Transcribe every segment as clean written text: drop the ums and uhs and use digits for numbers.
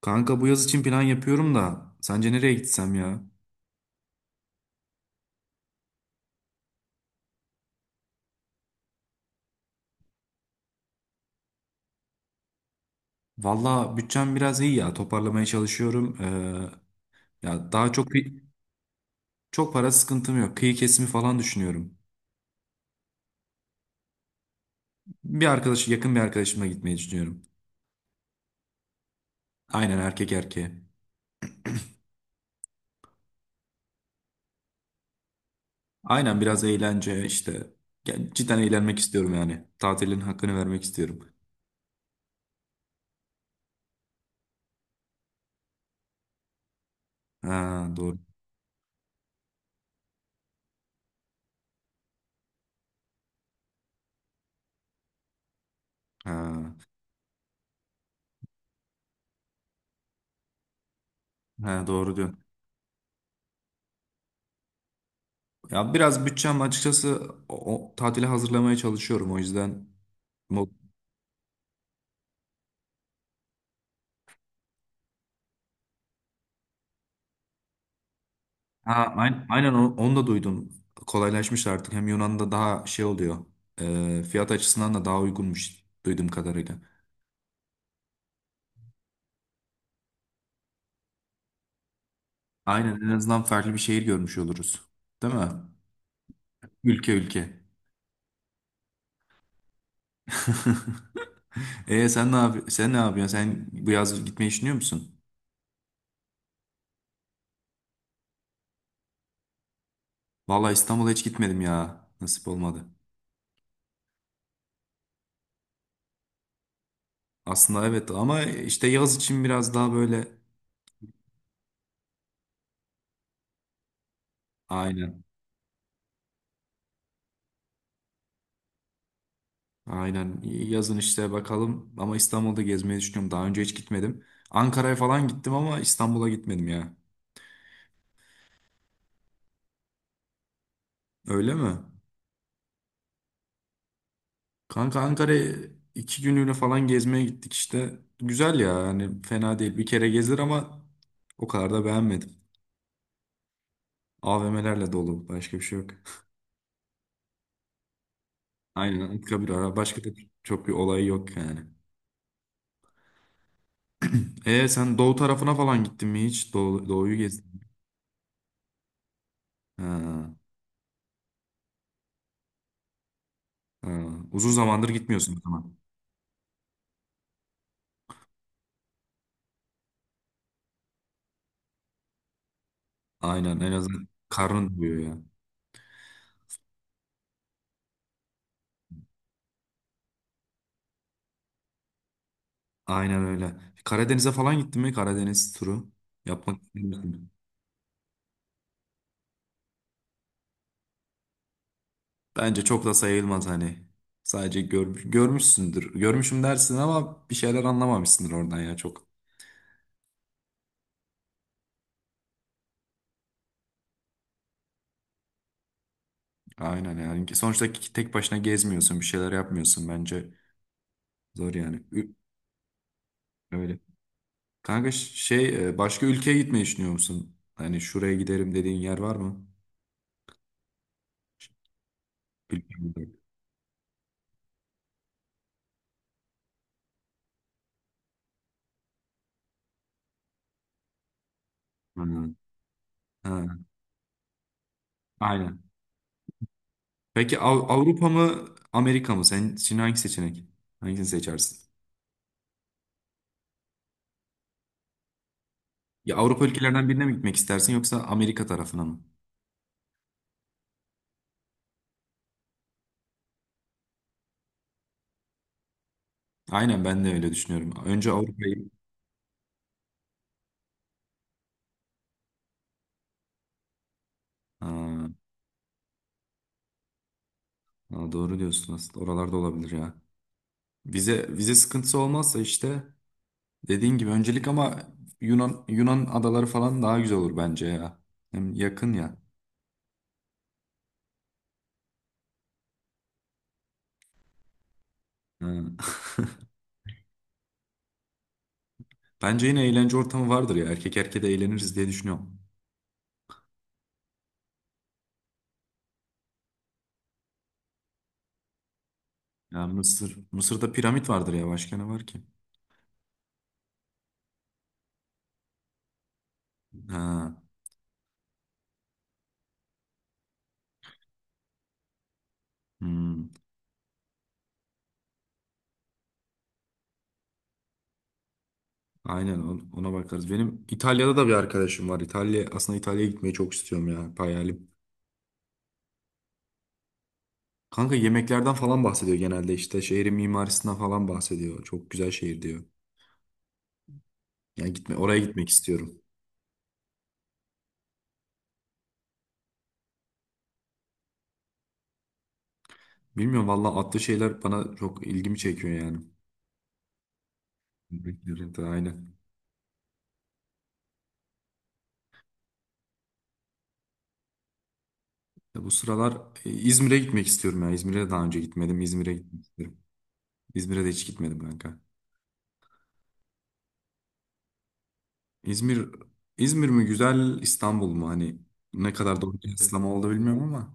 Kanka bu yaz için plan yapıyorum da sence nereye gitsem ya? Valla bütçem biraz iyi ya, toparlamaya çalışıyorum. Ya daha çok para sıkıntım yok. Kıyı kesimi falan düşünüyorum. Bir arkadaş Yakın bir arkadaşımla gitmeyi düşünüyorum. Aynen, erkek erkeğe. Aynen, biraz eğlence işte. Ya cidden eğlenmek istiyorum yani. Tatilin hakkını vermek istiyorum. Ha, doğru. Ha, ha, doğru diyorsun. Ya biraz bütçem açıkçası, o tatile hazırlamaya çalışıyorum o yüzden. Ha, aynen, onu da duydum. Kolaylaşmış artık. Hem Yunan'da daha şey oluyor. Fiyat açısından da daha uygunmuş duyduğum kadarıyla. Aynen, en azından farklı bir şehir görmüş oluruz. Değil mi? Ülke ülke. Sen ne yapıyorsun? Sen bu yaz gitmeyi düşünüyor musun? Vallahi İstanbul'a hiç gitmedim ya. Nasip olmadı. Aslında evet, ama işte yaz için biraz daha böyle aynen. Aynen. Yazın işte bakalım. Ama İstanbul'da gezmeyi düşünüyorum. Daha önce hiç gitmedim. Ankara'ya falan gittim ama İstanbul'a gitmedim ya. Öyle mi? Kanka Ankara'ya iki günlüğüne falan gezmeye gittik işte. Güzel ya. Yani fena değil. Bir kere gezilir ama o kadar da beğenmedim. AVM'lerle dolu. Başka bir şey yok. Aynen. Anıtkabir ara. Başka da çok bir olay yok yani. E sen doğu tarafına falan gittin mi hiç? Doğuyu gezdin. Ha, ha. Uzun zamandır gitmiyorsun o zaman. Aynen. En azından karnın doyuyor ya. Aynen öyle. Karadeniz'e falan gittin mi? Karadeniz turu yapmak ister misin? Bence çok da sayılmaz hani. Sadece görmüş, görmüşsündür. Görmüşüm dersin ama bir şeyler anlamamışsındır oradan ya çok. Aynen yani. Sonuçta tek başına gezmiyorsun, bir şeyler yapmıyorsun bence. Zor yani. Öyle. Kanka şey başka ülkeye gitmeyi düşünüyor musun? Hani şuraya giderim dediğin yer var mı? Bilmiyorum. Ha. Ha. Aynen. Peki Avrupa mı, Amerika mı? Sen için hangi seçenek? Hangisini seçersin? Ya Avrupa ülkelerinden birine mi gitmek istersin, yoksa Amerika tarafına mı? Aynen, ben de öyle düşünüyorum. Önce Avrupa'yı. Ha, ha, doğru diyorsun aslında. Oralarda olabilir ya. Vize sıkıntısı olmazsa işte, dediğin gibi öncelik ama Yunan adaları falan daha güzel olur bence ya. Hem yakın ya. Ha. Bence yine eğlence ortamı vardır ya. Erkek erkeğe de eğleniriz diye düşünüyorum. Ya Mısır'da piramit vardır ya. Başka ne var ki? Ha. Hmm. Aynen, ona bakarız. Benim İtalya'da da bir arkadaşım var. İtalya'ya gitmeyi çok istiyorum ya. Hayalim. Kanka yemeklerden falan bahsediyor genelde, işte şehrin mimarisinden falan bahsediyor. Çok güzel şehir diyor. Yani oraya gitmek istiyorum. Bilmiyorum valla, atlı şeyler bana çok ilgimi çekiyor yani. Bekliyorum da aynen. Ya bu sıralar İzmir'e gitmek istiyorum ya. İzmir'e daha önce gitmedim. İzmir'e gitmek istiyorum. İzmir'e de hiç gitmedim kanka. İzmir İzmir mi güzel, İstanbul mu, hani ne kadar doğru kıyaslama oldu bilmiyorum ama.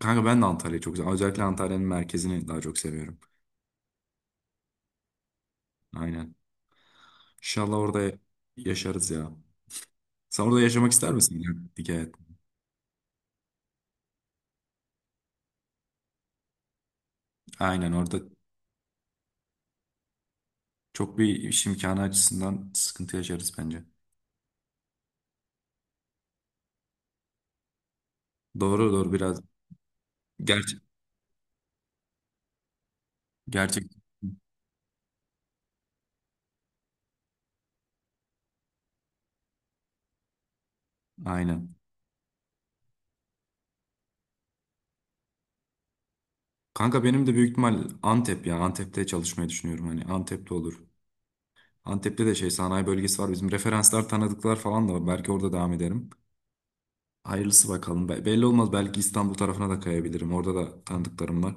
Kanka ben de Antalya'yı çok seviyorum. Özellikle Antalya'nın merkezini daha çok seviyorum. Aynen. İnşallah orada yaşarız ya. Sen orada yaşamak ister misin ya? Dikkat. Aynen, orada çok bir iş imkanı açısından sıkıntı yaşarız bence. Doğru, doğru biraz. Gerçek. Gerçek. Aynen. Kanka benim de büyük ihtimal Antep ya. Antep'te çalışmayı düşünüyorum. Hani Antep'te olur. Antep'te de şey, sanayi bölgesi var. Bizim referanslar, tanıdıklar falan da var. Belki orada devam ederim. Hayırlısı bakalım. Belli olmaz. Belki İstanbul tarafına da kayabilirim. Orada da tanıdıklarım var.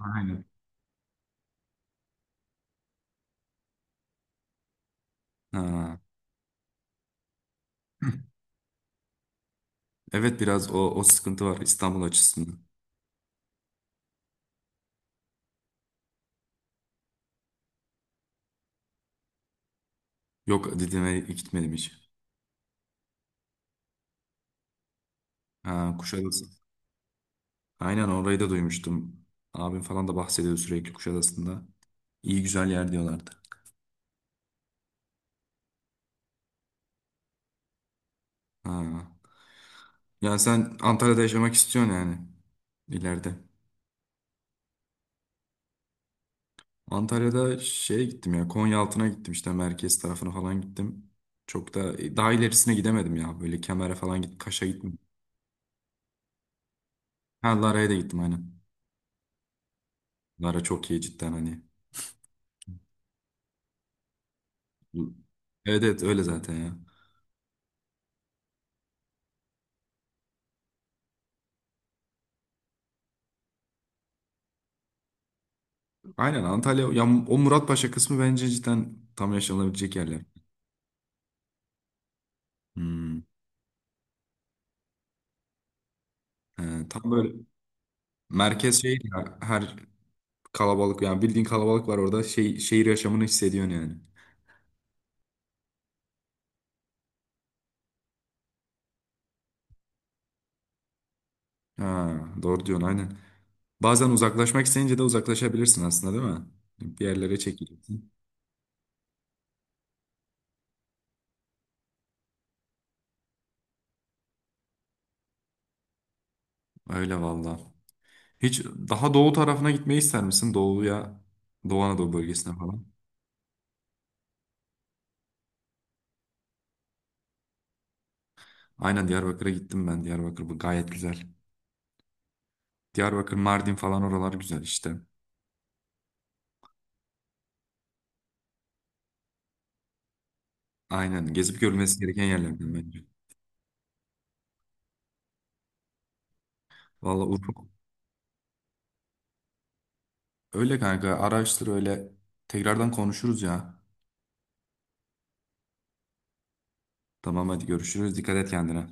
Aynen. Ha. Evet, biraz o sıkıntı var İstanbul açısından. Yok, Didim'e gitmedim hiç. Ha, Kuşadası. Aynen, orayı da duymuştum. Abim falan da bahsediyor sürekli Kuşadası'nda. İyi güzel yer diyorlardı. Ha. Yani sen Antalya'da yaşamak istiyorsun yani ileride. Antalya'da şeye gittim ya, Konyaaltı'na gittim, işte merkez tarafına falan gittim. Çok da daha ilerisine gidemedim ya, böyle Kemer'e falan git, Kaş'a gittim. Ha, Lara'ya da gittim aynen. Lara çok iyi cidden hani. Evet, evet, öyle zaten ya. Aynen, Antalya ya, o Muratpaşa kısmı bence cidden tam yaşanabilecek yerler. Hmm. Tam böyle merkez şey ya, her kalabalık, yani bildiğin kalabalık var orada, şey, şehir yaşamını hissediyorsun yani. Ha, doğru diyorsun aynen. Bazen uzaklaşmak isteyince de uzaklaşabilirsin aslında değil mi? Bir yerlere çekilirsin. Öyle valla. Hiç daha doğu tarafına gitmeyi ister misin? Doğu Anadolu bölgesine falan. Aynen, Diyarbakır'a gittim ben. Diyarbakır bu gayet güzel. Diyarbakır, Mardin falan, oralar güzel işte. Aynen. Gezip görülmesi gereken yerlerden bence. Valla Urfa. Öyle kanka. Araştır öyle. Tekrardan konuşuruz ya. Tamam, hadi görüşürüz. Dikkat et kendine.